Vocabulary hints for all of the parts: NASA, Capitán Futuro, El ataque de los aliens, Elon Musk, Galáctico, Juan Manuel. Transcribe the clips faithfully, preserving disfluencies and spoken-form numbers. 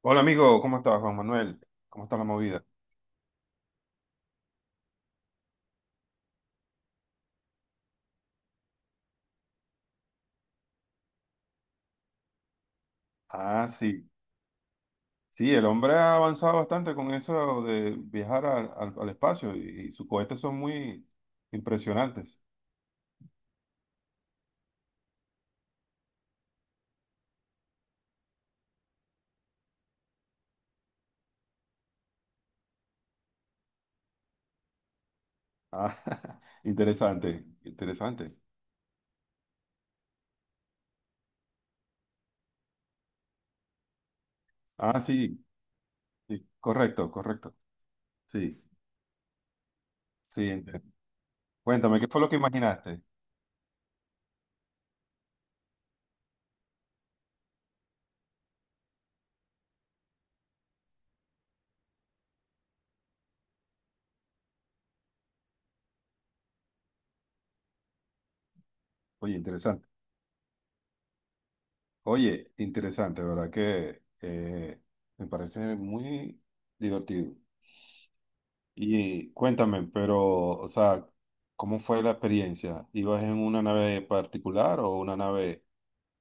Hola amigo, ¿cómo estás, Juan Manuel? ¿Cómo está la movida? Ah, sí. Sí, el hombre ha avanzado bastante con eso de viajar al, al- al espacio y, y sus cohetes son muy impresionantes. Ah, interesante, interesante. Ah, sí, sí, correcto, correcto. Sí, sí. ente- Cuéntame, ¿qué fue lo que imaginaste? Oye, interesante. Oye, interesante, ¿verdad? Que eh, Me parece muy divertido. Y cuéntame, pero, o sea, ¿cómo fue la experiencia? ¿Ibas en una nave particular o una nave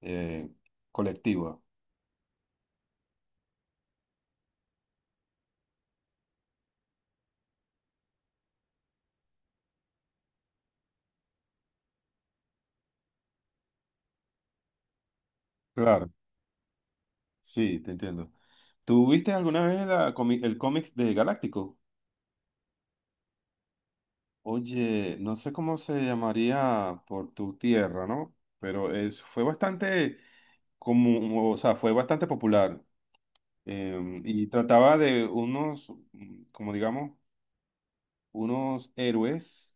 eh, colectiva? Claro, sí, te entiendo. ¿Tú viste alguna vez la comi- el cómic de Galáctico? Oye, no sé cómo se llamaría por tu tierra, ¿no? Pero es, fue bastante como, o sea, fue bastante popular. Eh, y trataba de unos, mm, como digamos, unos héroes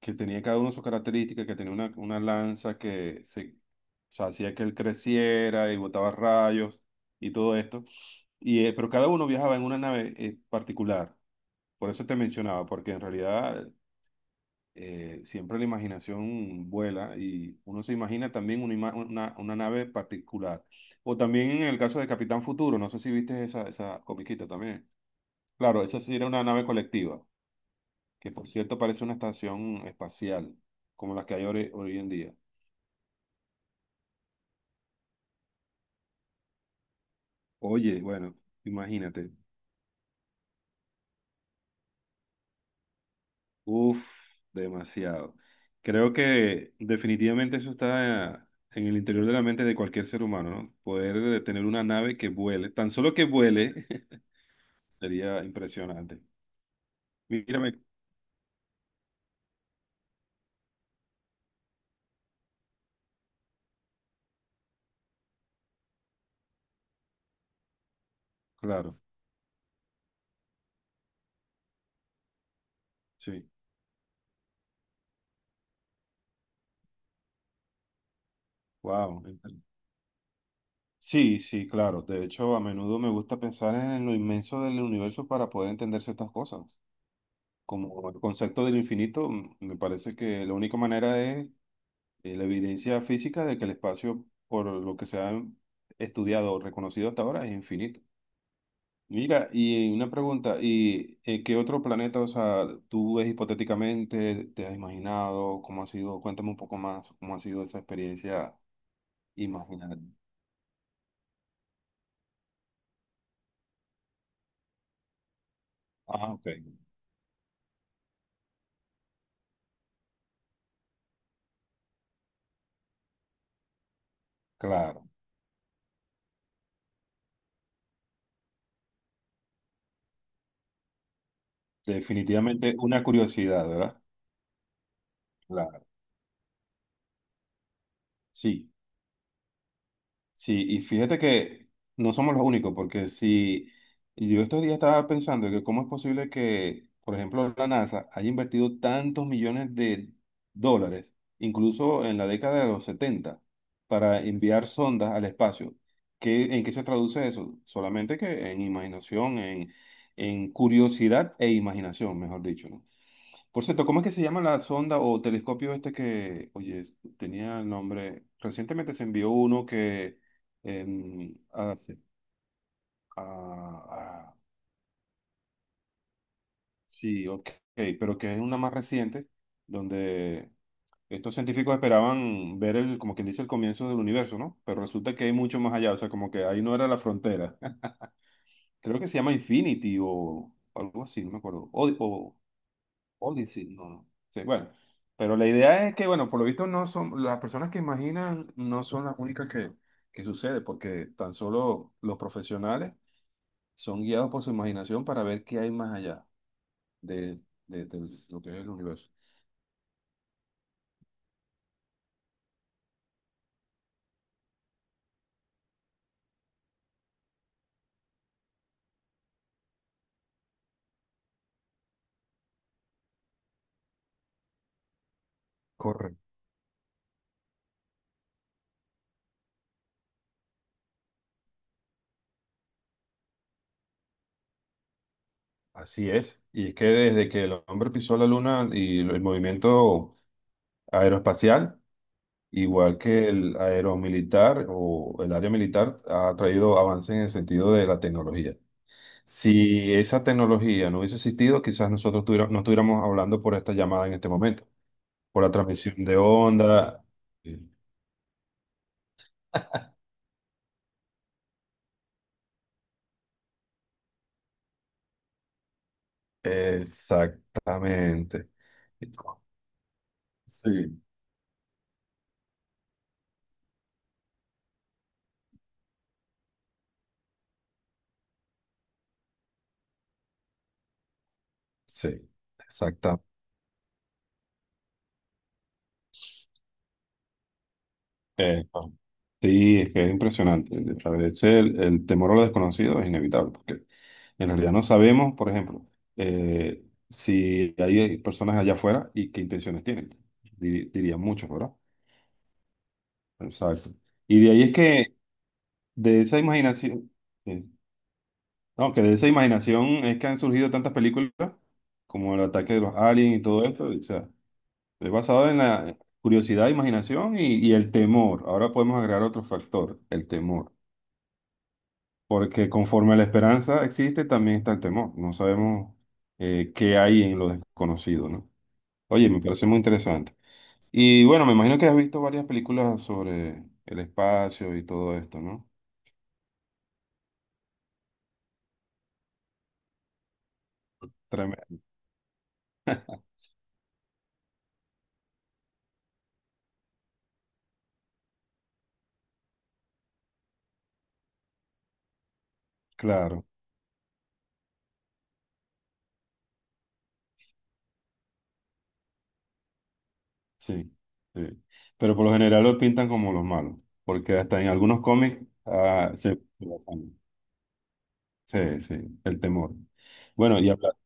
que tenía cada uno sus características, que tenía una, una lanza que se, o sea, hacía que él creciera y botaba rayos y todo esto. Y, eh, pero cada uno viajaba en una nave eh, particular. Por eso te mencionaba, porque en realidad eh, siempre la imaginación vuela y uno se imagina también una, ima- una, una nave particular. O también en el caso de Capitán Futuro, no sé si viste esa, esa comiquita también. Claro, esa sí era una nave colectiva que por cierto parece una estación espacial, como las que hay hoy, hoy en día. Oye, bueno, imagínate. Uf, demasiado. Creo que definitivamente eso está en el interior de la mente de cualquier ser humano, ¿no? Poder eh, tener una nave que vuele, tan solo que vuele, sería impresionante. Mírame, claro, sí. Wow. Sí, sí, claro. De hecho, a menudo me gusta pensar en lo inmenso del universo para poder entender ciertas cosas. Como el concepto del infinito, mm, me parece que la única manera es eh, la evidencia física de que el espacio, por lo que se ha estudiado o reconocido hasta ahora, es infinito. Mira, y una pregunta, ¿y eh, qué otro planeta, o sea, tú ves hipotéticamente, te has imaginado, cómo ha sido? Cuéntame un poco más, cómo ha sido esa experiencia imaginaria. Ah, ok, claro. Definitivamente una curiosidad, ¿verdad? Claro, sí. Sí, y fíjate que no somos los únicos, porque si yo estos días estaba pensando que cómo es posible que, por ejemplo, la N A S A haya invertido tantos millones de dólares, incluso en la década de los setenta para enviar sondas al espacio. ¿Qué, en qué se traduce eso? Solamente que en imaginación, en, en curiosidad e imaginación, mejor dicho, ¿no? Por cierto, ¿cómo es que se llama la sonda o telescopio este que, oye, es- tenía el nombre? Recientemente se envió uno que, em, a- a- a- sí, ok, pero que es una más reciente, donde estos científicos esperaban ver el, como quien dice, el comienzo del universo, ¿no? Pero resulta que hay mucho más allá, o sea, como que ahí no era la frontera. Creo que se llama Infinity o algo así, no me acuerdo. O, o Odyssey, no, no. Sí, bueno, pero la idea es que, bueno, por lo visto no son, las personas que imaginan no son las únicas que, que sucede, porque tan solo los profesionales son guiados por su imaginación para ver qué hay más allá de, de- de lo que es el universo. Correcto. Así es. Y es que desde que el hombre pisó la luna y el movimiento aeroespacial, igual que el aeromilitar o el área militar, ha traído avances en el sentido de la tecnología. Si esa tecnología no hubiese existido, quizás nosotros tuviera- no estuviéramos hablando por esta llamada en este momento, por la transmisión de onda. Sí. Exactamente. Sí, sí, exacta. Eh, no. Sí, es que es impresionante. A veces el, el temor a lo desconocido es inevitable, porque en realidad no sabemos, por ejemplo, eh, si hay personas allá afuera y qué intenciones tienen. Di- dirían muchos, ¿verdad? Exacto. Y de ahí es que De esa imaginación, sí. No, que de esa imaginación es que han surgido tantas películas como El ataque de los aliens y todo esto. O sea, es basado en la curiosidad, imaginación y, y el temor. Ahora podemos agregar otro factor, el temor. Porque conforme la esperanza existe, también está el temor. No sabemos eh, qué hay en lo desconocido, ¿no? Oye, me parece muy interesante. Y bueno, me imagino que has visto varias películas sobre el espacio y todo esto, ¿no? Tremendo. Claro. Sí, sí. Pero por lo general lo pintan como los malos, porque hasta en algunos cómics ah, se... se basan. Sí, sí, el temor. Bueno, y habla,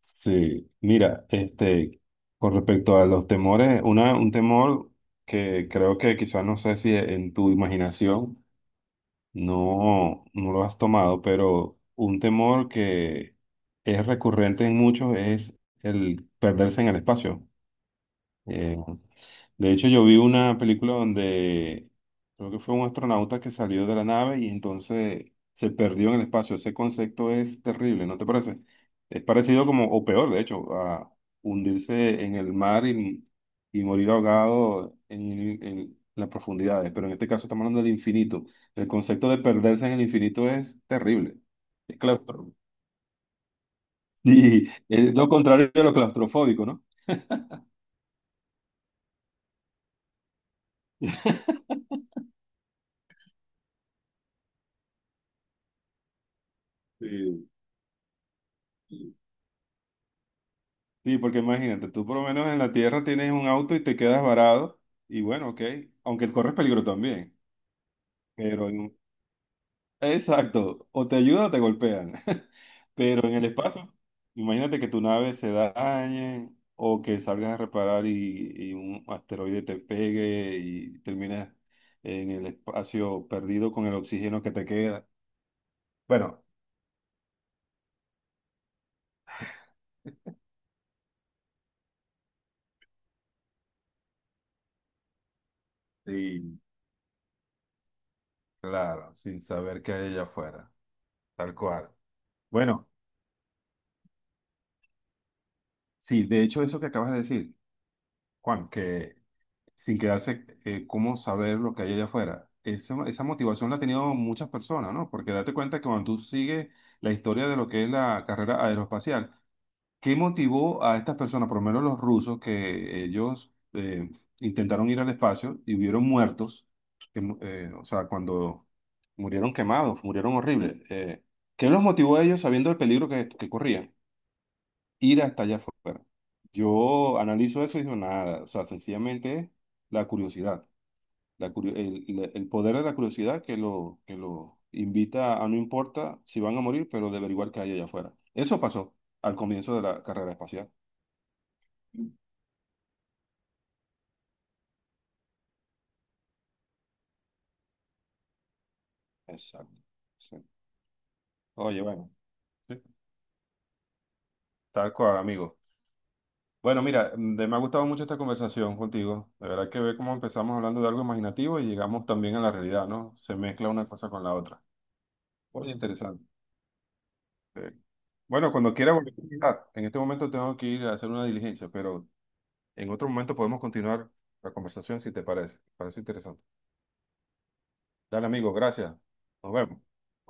sí, mira, este, con respecto a los temores, una, un temor que creo que quizás no sé si en tu imaginación no, no lo has tomado, pero un temor que es recurrente en muchos es el perderse en el espacio. eh, De hecho, yo vi una película donde creo que fue un astronauta que salió de la nave y entonces se perdió en el espacio. Ese concepto es terrible, ¿no te parece? Es parecido como, o peor, de hecho, a hundirse en el mar y, y morir ahogado en, en las profundidades. Pero en este caso estamos hablando del infinito. El concepto de perderse en el infinito es terrible. Es claustro. Sí, es lo contrario de lo claustrofóbico, ¿no? Sí. Sí, porque imagínate, tú por lo menos en la tierra tienes un auto y te quedas varado y bueno, ok, aunque corres peligro también, pero en- exacto, o te ayuda o te golpean, pero en el espacio, imagínate que tu nave se dañe o que salgas a reparar y, y un asteroide te pegue y terminas en el espacio perdido con el oxígeno que te queda. Bueno, sí, claro, sin saber qué hay allá afuera, tal cual. Bueno, sí, de hecho eso que acabas de decir. Juan, que sin quedarse, eh, ¿cómo saber lo que hay allá afuera? Esa, esa motivación la han tenido muchas personas, ¿no? Porque date cuenta que cuando tú sigues la historia de lo que es la carrera aeroespacial, ¿qué motivó a estas personas, por lo menos los rusos, que ellos eh, intentaron ir al espacio y hubieron muertos? Que mu- eh, o sea, cuando murieron quemados, murieron horribles. Eh, ¿qué los motivó a ellos sabiendo el peligro que, que corrían? Ir hasta allá afuera. Yo analizo eso y digo nada, o sea, sencillamente es la curiosidad, la curio- el, el- el poder de la curiosidad que lo, que lo invita a no importa si van a morir, pero de averiguar qué hay allá afuera. Eso pasó al comienzo de la carrera espacial. Exacto. Sí. Oye, bueno, sí, tal cual, amigo. Bueno, mira, mm, de- me ha gustado mucho esta conversación contigo. De verdad que ve cómo empezamos hablando de algo imaginativo y llegamos también a la realidad, ¿no? Se mezcla una cosa con la otra. Oye, interesante. Sí. Bueno, cuando quiera volver a hablar. En este momento tengo que ir a hacer una diligencia, pero en otro momento podemos continuar la conversación si te parece. Parece interesante. Dale, amigo, gracias. Nos vemos.